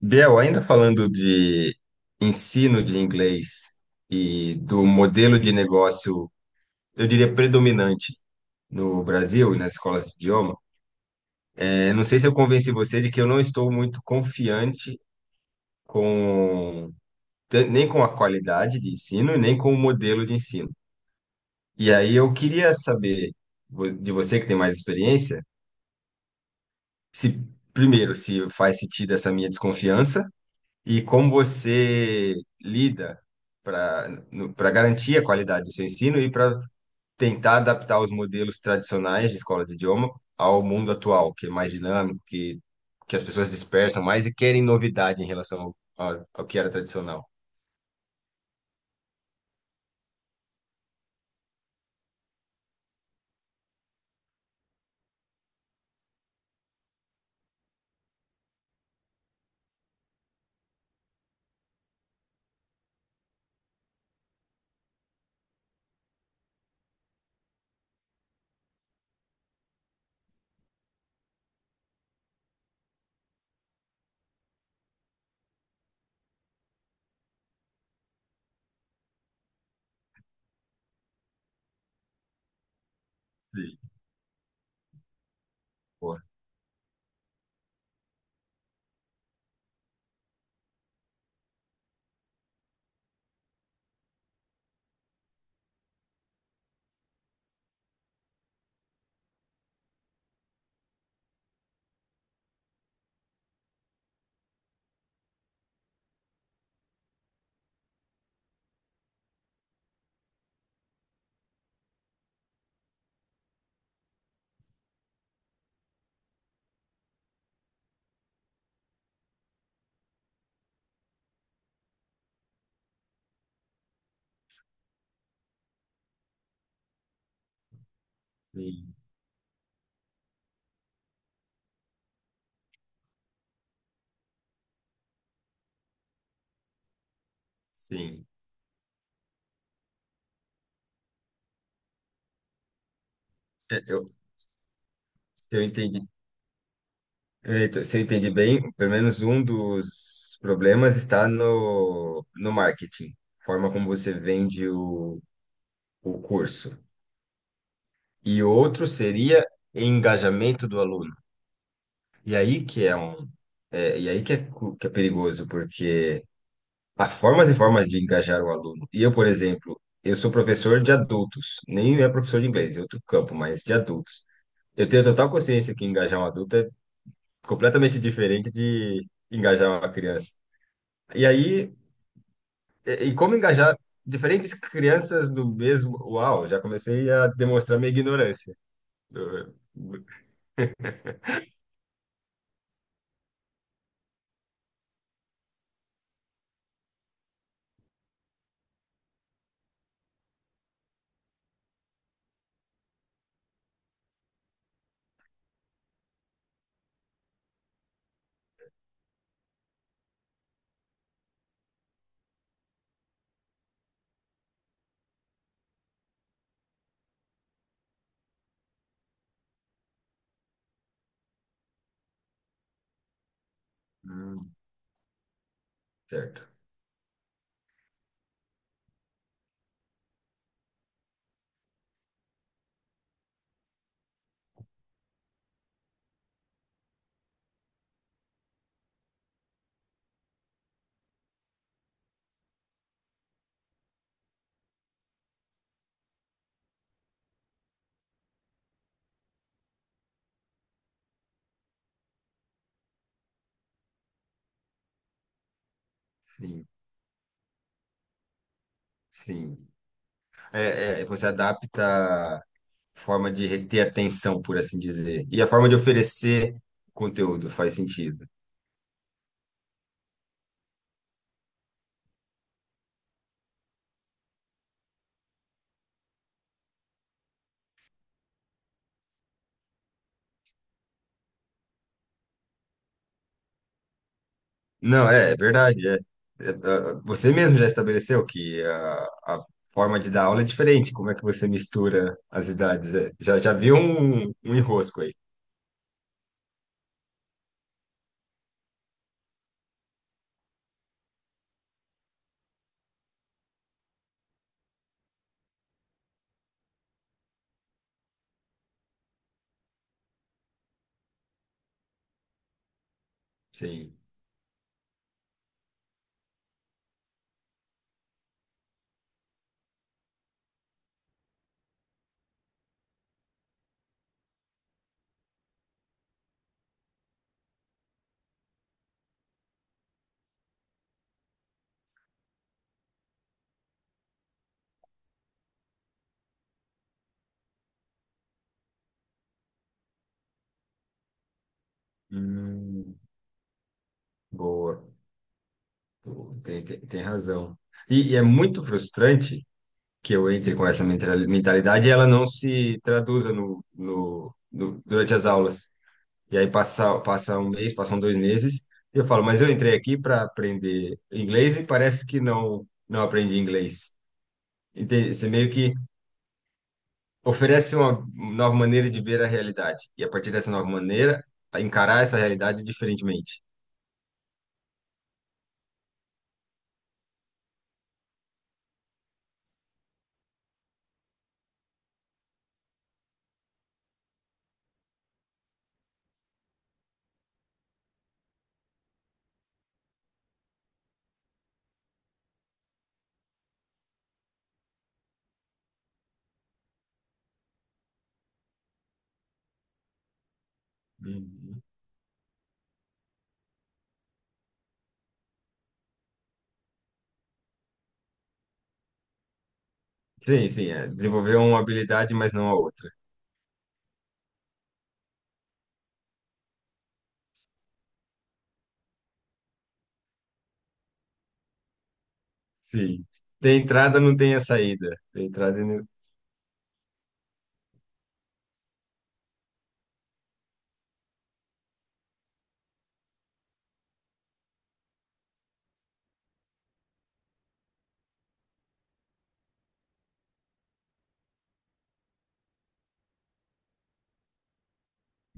Biel, ainda falando de ensino de inglês e do modelo de negócio, eu diria predominante no Brasil e nas escolas de idioma, não sei se eu convenci você de que eu não estou muito confiante com nem com a qualidade de ensino, e nem com o modelo de ensino. E aí eu queria saber de você que tem mais experiência, se primeiro se faz sentido essa minha desconfiança. E como você lida para para garantir a qualidade do seu ensino e para tentar adaptar os modelos tradicionais de escola de idioma ao mundo atual, que é mais dinâmico, que as pessoas dispersam mais e querem novidade em relação ao que era tradicional? Sim. Boa. Sim, sim. É, Eu, se eu entendi, é, Então, se eu entendi bem, pelo menos um dos problemas está no marketing, forma como você vende o curso. E outro seria engajamento do aluno. E aí que é um, e aí que é, que é perigoso, porque há formas e formas de engajar o aluno. E eu, por exemplo, eu sou professor de adultos, nem é professor de inglês, é outro campo, mas de adultos. Eu tenho total consciência que engajar um adulto é completamente diferente de engajar uma criança. E aí, e como engajar diferentes crianças no mesmo. Uau, já comecei a demonstrar minha ignorância. Eu- eu- Hum, certo. Sim. Sim. Você adapta a forma de reter atenção, por assim dizer. E a forma de oferecer conteúdo faz sentido. Não, é, é verdade. Você mesmo já estabeleceu que a forma de dar aula é diferente. Como é que você mistura as idades? É, já, já vi um enrosco aí. Sim. Hum, boa. Tem razão. E é muito frustrante que eu entre com essa mentalidade e ela não se traduza durante as aulas. E aí passa, passa um mês, passam dois meses, e eu falo, mas eu entrei aqui para aprender inglês e parece que não, não aprendi inglês. Entende? Você meio que oferece uma nova maneira de ver a realidade. E a partir dessa nova maneira, a encarar essa realidade diferentemente. Uhum. Sim, sim, é desenvolver uma habilidade, mas não a outra. Sim. Tem entrada, não tem a saída. Tem entrada, e não-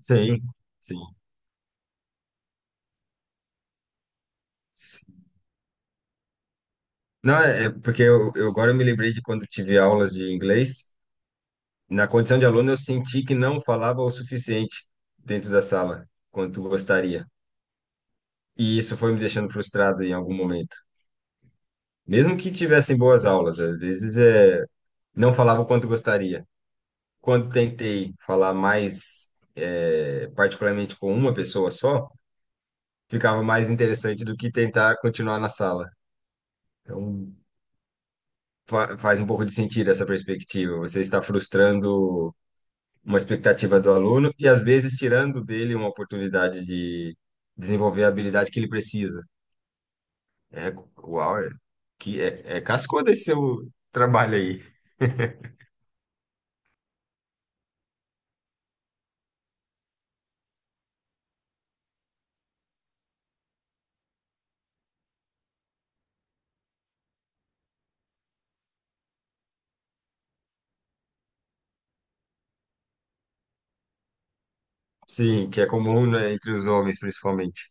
sim. Sim. Não, é é porque eu agora eu me lembrei de quando tive aulas de inglês. Na condição de aluno, eu senti que não falava o suficiente dentro da sala, quanto gostaria. E isso foi me deixando frustrado em algum momento. Mesmo que tivessem boas aulas, às vezes não falava o quanto gostaria. Quando tentei falar mais, particularmente com uma pessoa só, ficava mais interessante do que tentar continuar na sala. Então, faz um pouco de sentido essa perspectiva. Você está frustrando uma expectativa do aluno e às vezes tirando dele uma oportunidade de desenvolver a habilidade que ele precisa. É, uau, é, que é, é cascudo esse seu trabalho aí. Sim, que é comum, né, entre os homens, principalmente.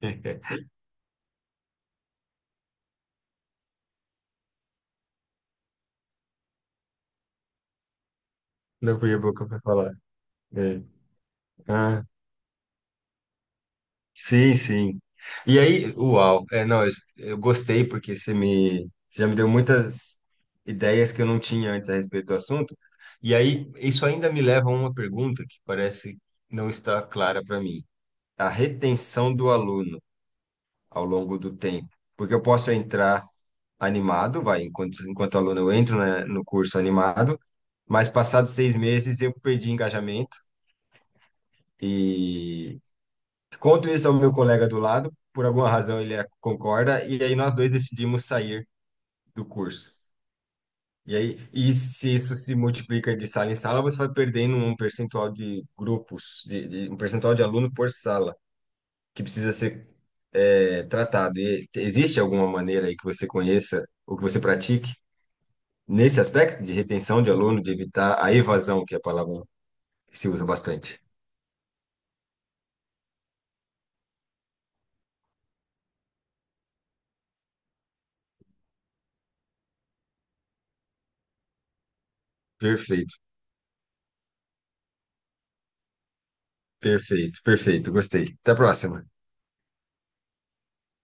Não fui a boca para falar. É. Ah, sim, sim. Não, eu gostei porque você já me deu muitas ideias que eu não tinha antes a respeito do assunto. E aí, isso ainda me leva a uma pergunta que parece não estar clara para mim. A retenção do aluno ao longo do tempo. Porque eu posso entrar animado, enquanto aluno eu entro, né, no curso animado, mas passados seis meses eu perdi engajamento e conto isso ao meu colega do lado, por alguma razão ele concorda, e aí nós dois decidimos sair do curso. E aí, e se isso se multiplica de sala em sala, você vai perdendo um percentual de grupos, um percentual de aluno por sala, que precisa ser tratado. E existe alguma maneira aí que você conheça ou que você pratique nesse aspecto de retenção de aluno, de evitar a evasão, que é a palavra que se usa bastante? Perfeito, Perfeito. Gostei. Até a próxima.